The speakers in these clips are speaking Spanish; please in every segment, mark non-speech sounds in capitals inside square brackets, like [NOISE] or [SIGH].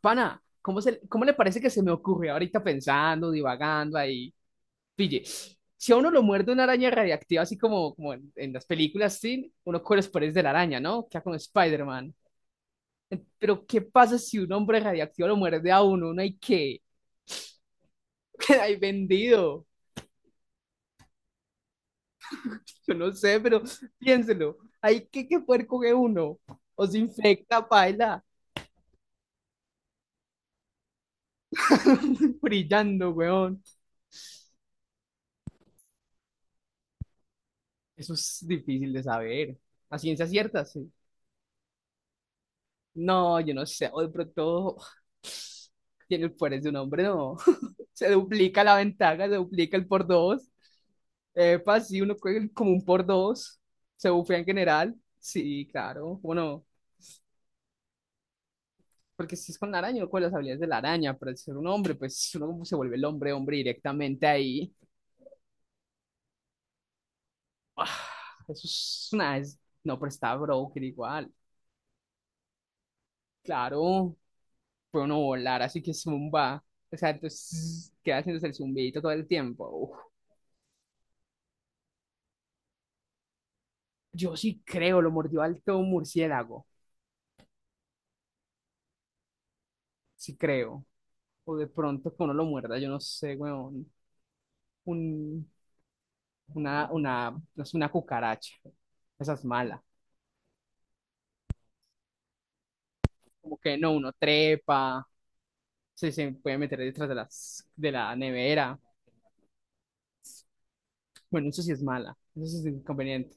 Pana, ¿cómo, se, ¿cómo le parece que se me ocurre ahorita pensando, divagando ahí? Pille, si a uno lo muerde una araña radiactiva, así como, como en las películas, sí, uno con los poderes de la araña, ¿no? Queda como Spider-Man. Pero, ¿qué pasa si un hombre radiactivo lo muerde a uno? ¿Uno hay qué? [LAUGHS] Queda ahí vendido. Yo no sé, pero piénselo. ¿Hay qué, qué puerco que uno? O se infecta, paila. [LAUGHS] Brillando, weón. Eso es difícil de saber. A ciencia cierta, sí. No, yo no sé, o de pronto [SIGHS] tiene el poder de un hombre, no. [LAUGHS] Se duplica la ventaja, se duplica el por dos. Epa, si uno juega el- como un por dos, se bufea en general. Sí, claro, bueno, porque si es con la araña, uno con las habilidades de la araña, pero al ser un hombre, pues uno como se vuelve el hombre, hombre directamente ahí. [SIGHS] Ah, eso es una. Es- no, pero está broker igual. Claro, puede uno volar, así que zumba. O sea, entonces queda haciéndose el zumbidito todo el tiempo. Uf. Yo sí creo, lo mordió alto un murciélago, sí creo. O de pronto que uno lo muerda, yo no sé, weón. Un, una, no sé, una cucaracha. Esa es mala. Como que no, uno trepa, se puede meter detrás de la nevera. Bueno, eso sí es mala, eso sí es inconveniente.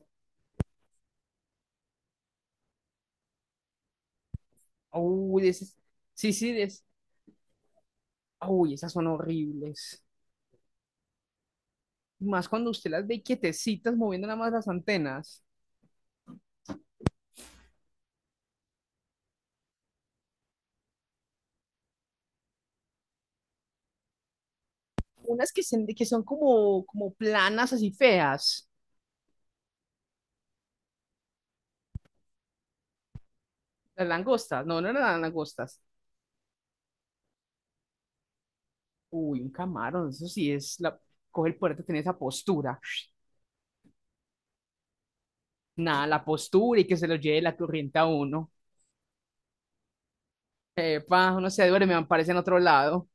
Uy, ese es- sí, sí, es, uy, esas son horribles. Más cuando usted las ve quietecitas, moviendo nada más las antenas. Unas que que son como, como planas, así feas. Las langostas, no, no eran las langostas. Uy, un camarón, eso sí es la. Coge el puerto, tiene esa postura. Nada, la postura y que se lo lleve la corriente a uno. Epa, uno se duerme, aparece en otro lado.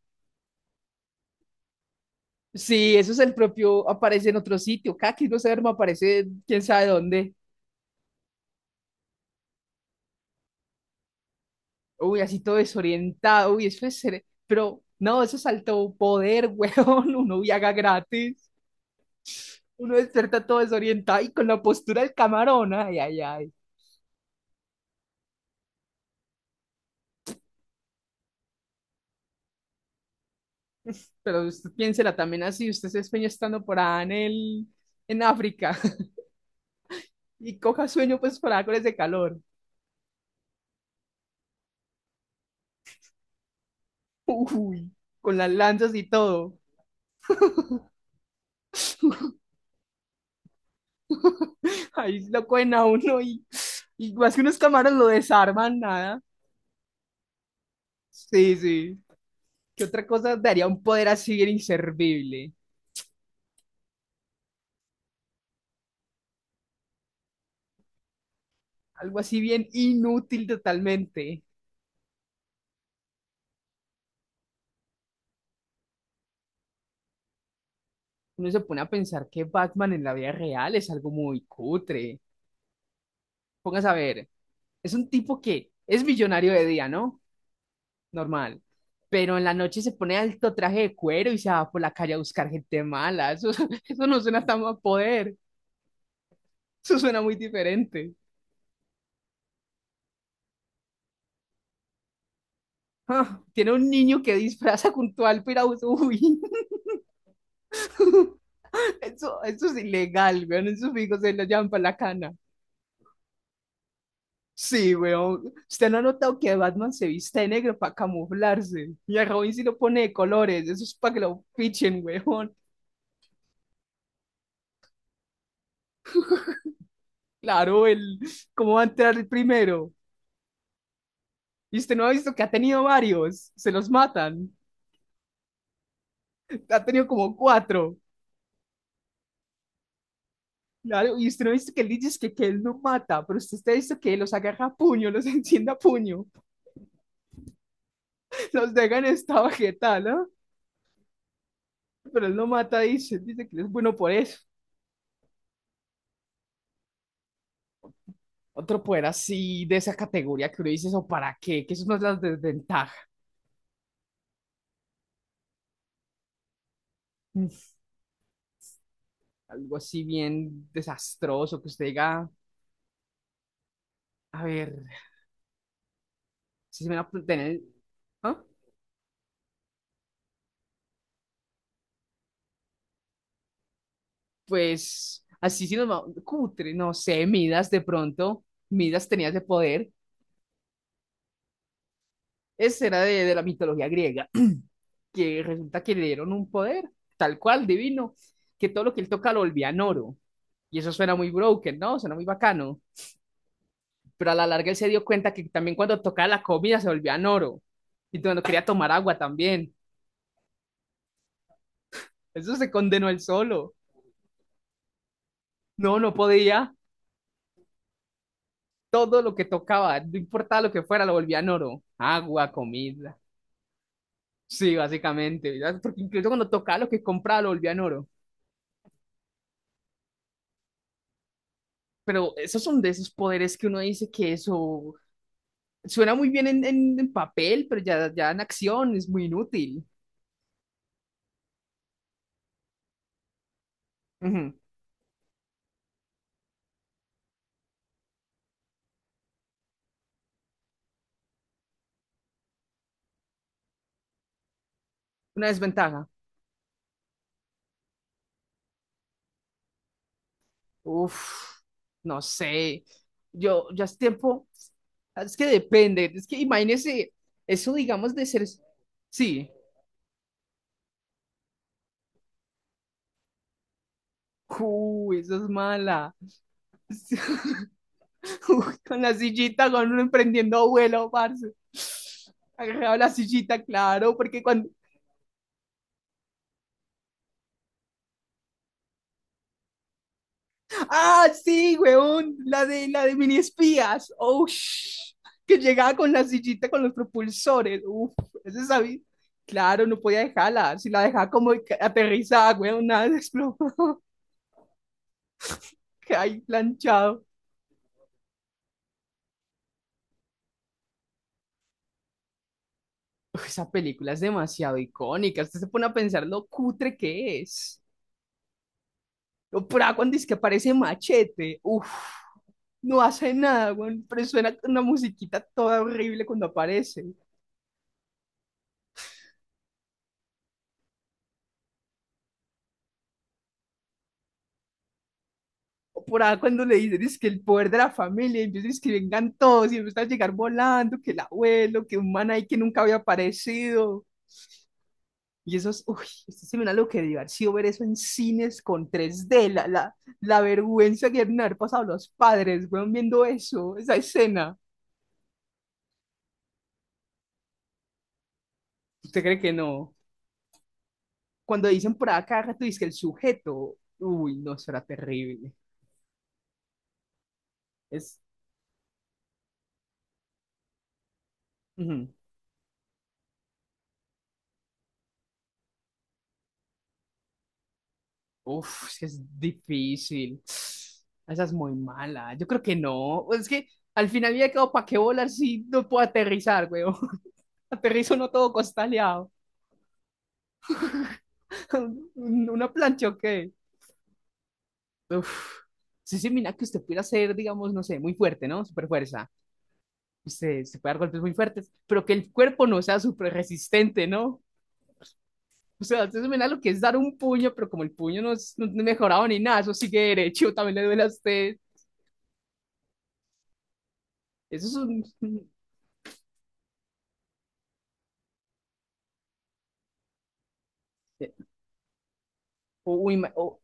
Sí, eso es el propio, aparece en otro sitio. Caqui no se duerme, aparece quién sabe dónde. Uy, así todo desorientado. Uy, eso es. Cere- Pero no, eso es alto poder, [LAUGHS] weón. Uno viaja gratis. Uno despierta todo desorientado y con la postura del camarón. Ay, ay, ay. Pero usted piénsela también así, usted se sueña estando por allá en África [LAUGHS] y coja sueño pues por allá con ese calor. Uy, con las lanzas y todo. Ahí lo cogen a uno y más que unos camaros lo desarman, nada. Sí, sí. ¿Qué otra cosa daría un poder así bien inservible? Algo así bien inútil totalmente. Uno se pone a pensar que Batman en la vida real es algo muy cutre. Póngase a ver, es un tipo que es millonario de día, ¿no? Normal. Pero en la noche se pone alto traje de cuero y se va por la calle a buscar gente mala. Eso, [LAUGHS] eso no suena tan a poder. Eso suena muy diferente. Ah, tiene un niño que disfraza junto al piragüe. Uy, [LAUGHS] eso es ilegal, weón. Esos amigos se lo llaman para la cana. Sí, weón. Usted no ha notado que Batman se viste de negro para camuflarse. Y a Robin sí lo pone de colores. Eso es para que lo fichen, weón. Claro, ¿cómo va a entrar el primero? Y usted no ha visto que ha tenido varios, se los matan. Ha tenido como cuatro. Claro, y usted no ha visto que él dice que él no mata, pero usted está visto que los agarra a puño, los [LAUGHS] enciende a puño, los deja en esta vegetal, ¿no? Pero él no mata, dice que es bueno por eso. Otro poder así de esa categoría que uno dice, ¿eso para qué? Que eso no es la desventaja. Algo así bien desastroso que usted diga, a ver, si se me va a tener... ¿Ah? Pues así si nos vamos, cutre, no sé, Midas de pronto, Midas tenía ese poder, ese era de la mitología griega, [CLEARS THROAT] que resulta que le dieron un poder, tal cual, divino, que todo lo que él toca lo volvía en oro, y eso suena muy broken, ¿no? Suena muy bacano, pero a la larga él se dio cuenta que también cuando tocaba la comida se volvía en oro, y cuando quería tomar agua también, eso se condenó él solo, no, no podía, todo lo que tocaba, no importaba lo que fuera, lo volvía en oro, agua, comida. Sí, básicamente, ¿verdad? Porque incluso cuando tocaba lo que compraba lo volvía en oro. Pero esos son de esos poderes que uno dice que eso suena muy bien en papel, pero ya en acción es muy inútil. Ujú. Una desventaja. Uf, no sé. Yo ya es tiempo. Es que depende. Es que imagínese eso, digamos, de ser. Sí. Uy, eso es mala. [LAUGHS] [LAUGHS] Uy, con la sillita, con uno emprendiendo vuelo, parce. Agarraba la sillita, claro, porque cuando. ¡Ah, sí, weón! La de mini espías. ¡Oh, sh- Que llegaba con la sillita con los propulsores. Uf, ese sabía. Claro, no podía dejarla. Si la dejaba como que aterrizada, weón, nada se explotó. [LAUGHS] Que ahí planchado. Uf, esa película es demasiado icónica. Usted se pone a pensar lo cutre que es. No, pero ah, cuando dice que aparece Machete, uff, no hace nada, weón, pero suena una musiquita toda horrible cuando aparece. O por ahí cuando le dicen es que el poder de la familia, y empiezan es que vengan todos y empiezan a llegar volando, que el abuelo, que un man ahí que nunca había aparecido. Y eso es, uy, esto se me da lo que divertido ver eso en cines con 3D, la vergüenza que deben haber pasado los padres, weón, viendo eso, esa escena. ¿Usted cree que no? Cuando dicen por acá, tú dices que el sujeto, uy, no, será terrible. Es, ujú. Uf, es que es difícil. Esa es muy mala. Yo creo que no. Pues es que al final ya quedado para qué volar si no puedo aterrizar, weón. [LAUGHS] Aterrizo no todo costaleado. [LAUGHS] Una plancha, ¿o qué? Uf. Sí, sí, mira que usted pudiera ser, digamos, no sé, muy fuerte, ¿no? Super fuerza. Usted se puede dar golpes muy fuertes, pero que el cuerpo no sea súper resistente, ¿no? O sea, entonces mira lo que es dar un puño, pero como el puño no es mejorado ni nada, eso sigue derecho, [LAUGHS] también le duele a usted. Eso es un... [LAUGHS] O, uy, ma-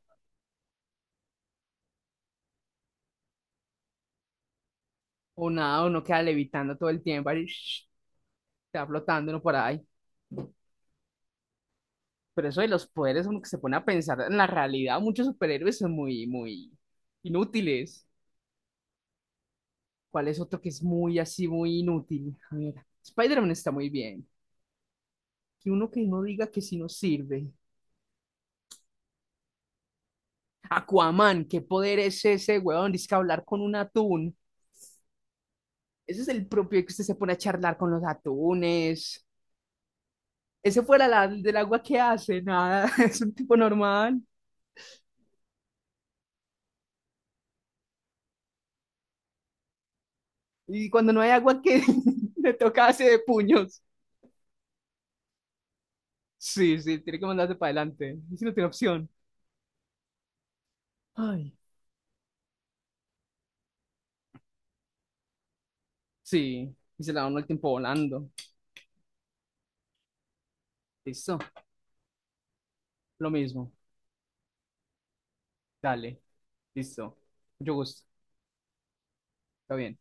o nada, uno queda levitando todo el tiempo, ahí, shh, está flotando uno por ahí. Pero eso de los poderes, como que se pone a pensar en la realidad, muchos superhéroes son muy inútiles. ¿Cuál es otro que es muy así, muy inútil? A ver, Spider-Man está muy bien. Que uno que no diga que si no sirve. Aquaman, ¿qué poder es ese, weón? Dice que hablar con un atún. Ese es el propio que usted se pone a charlar con los atunes. Ese fuera del agua que hace, nada, [LAUGHS] es un tipo normal. Y cuando no hay agua que [LAUGHS] le toca hace de puños. Sí, sí, tiene que mandarse para adelante. Si no tiene opción. Ay, sí. Y se la da uno el tiempo volando. Listo, lo mismo. Dale, listo. Mucho gusto. Está bien.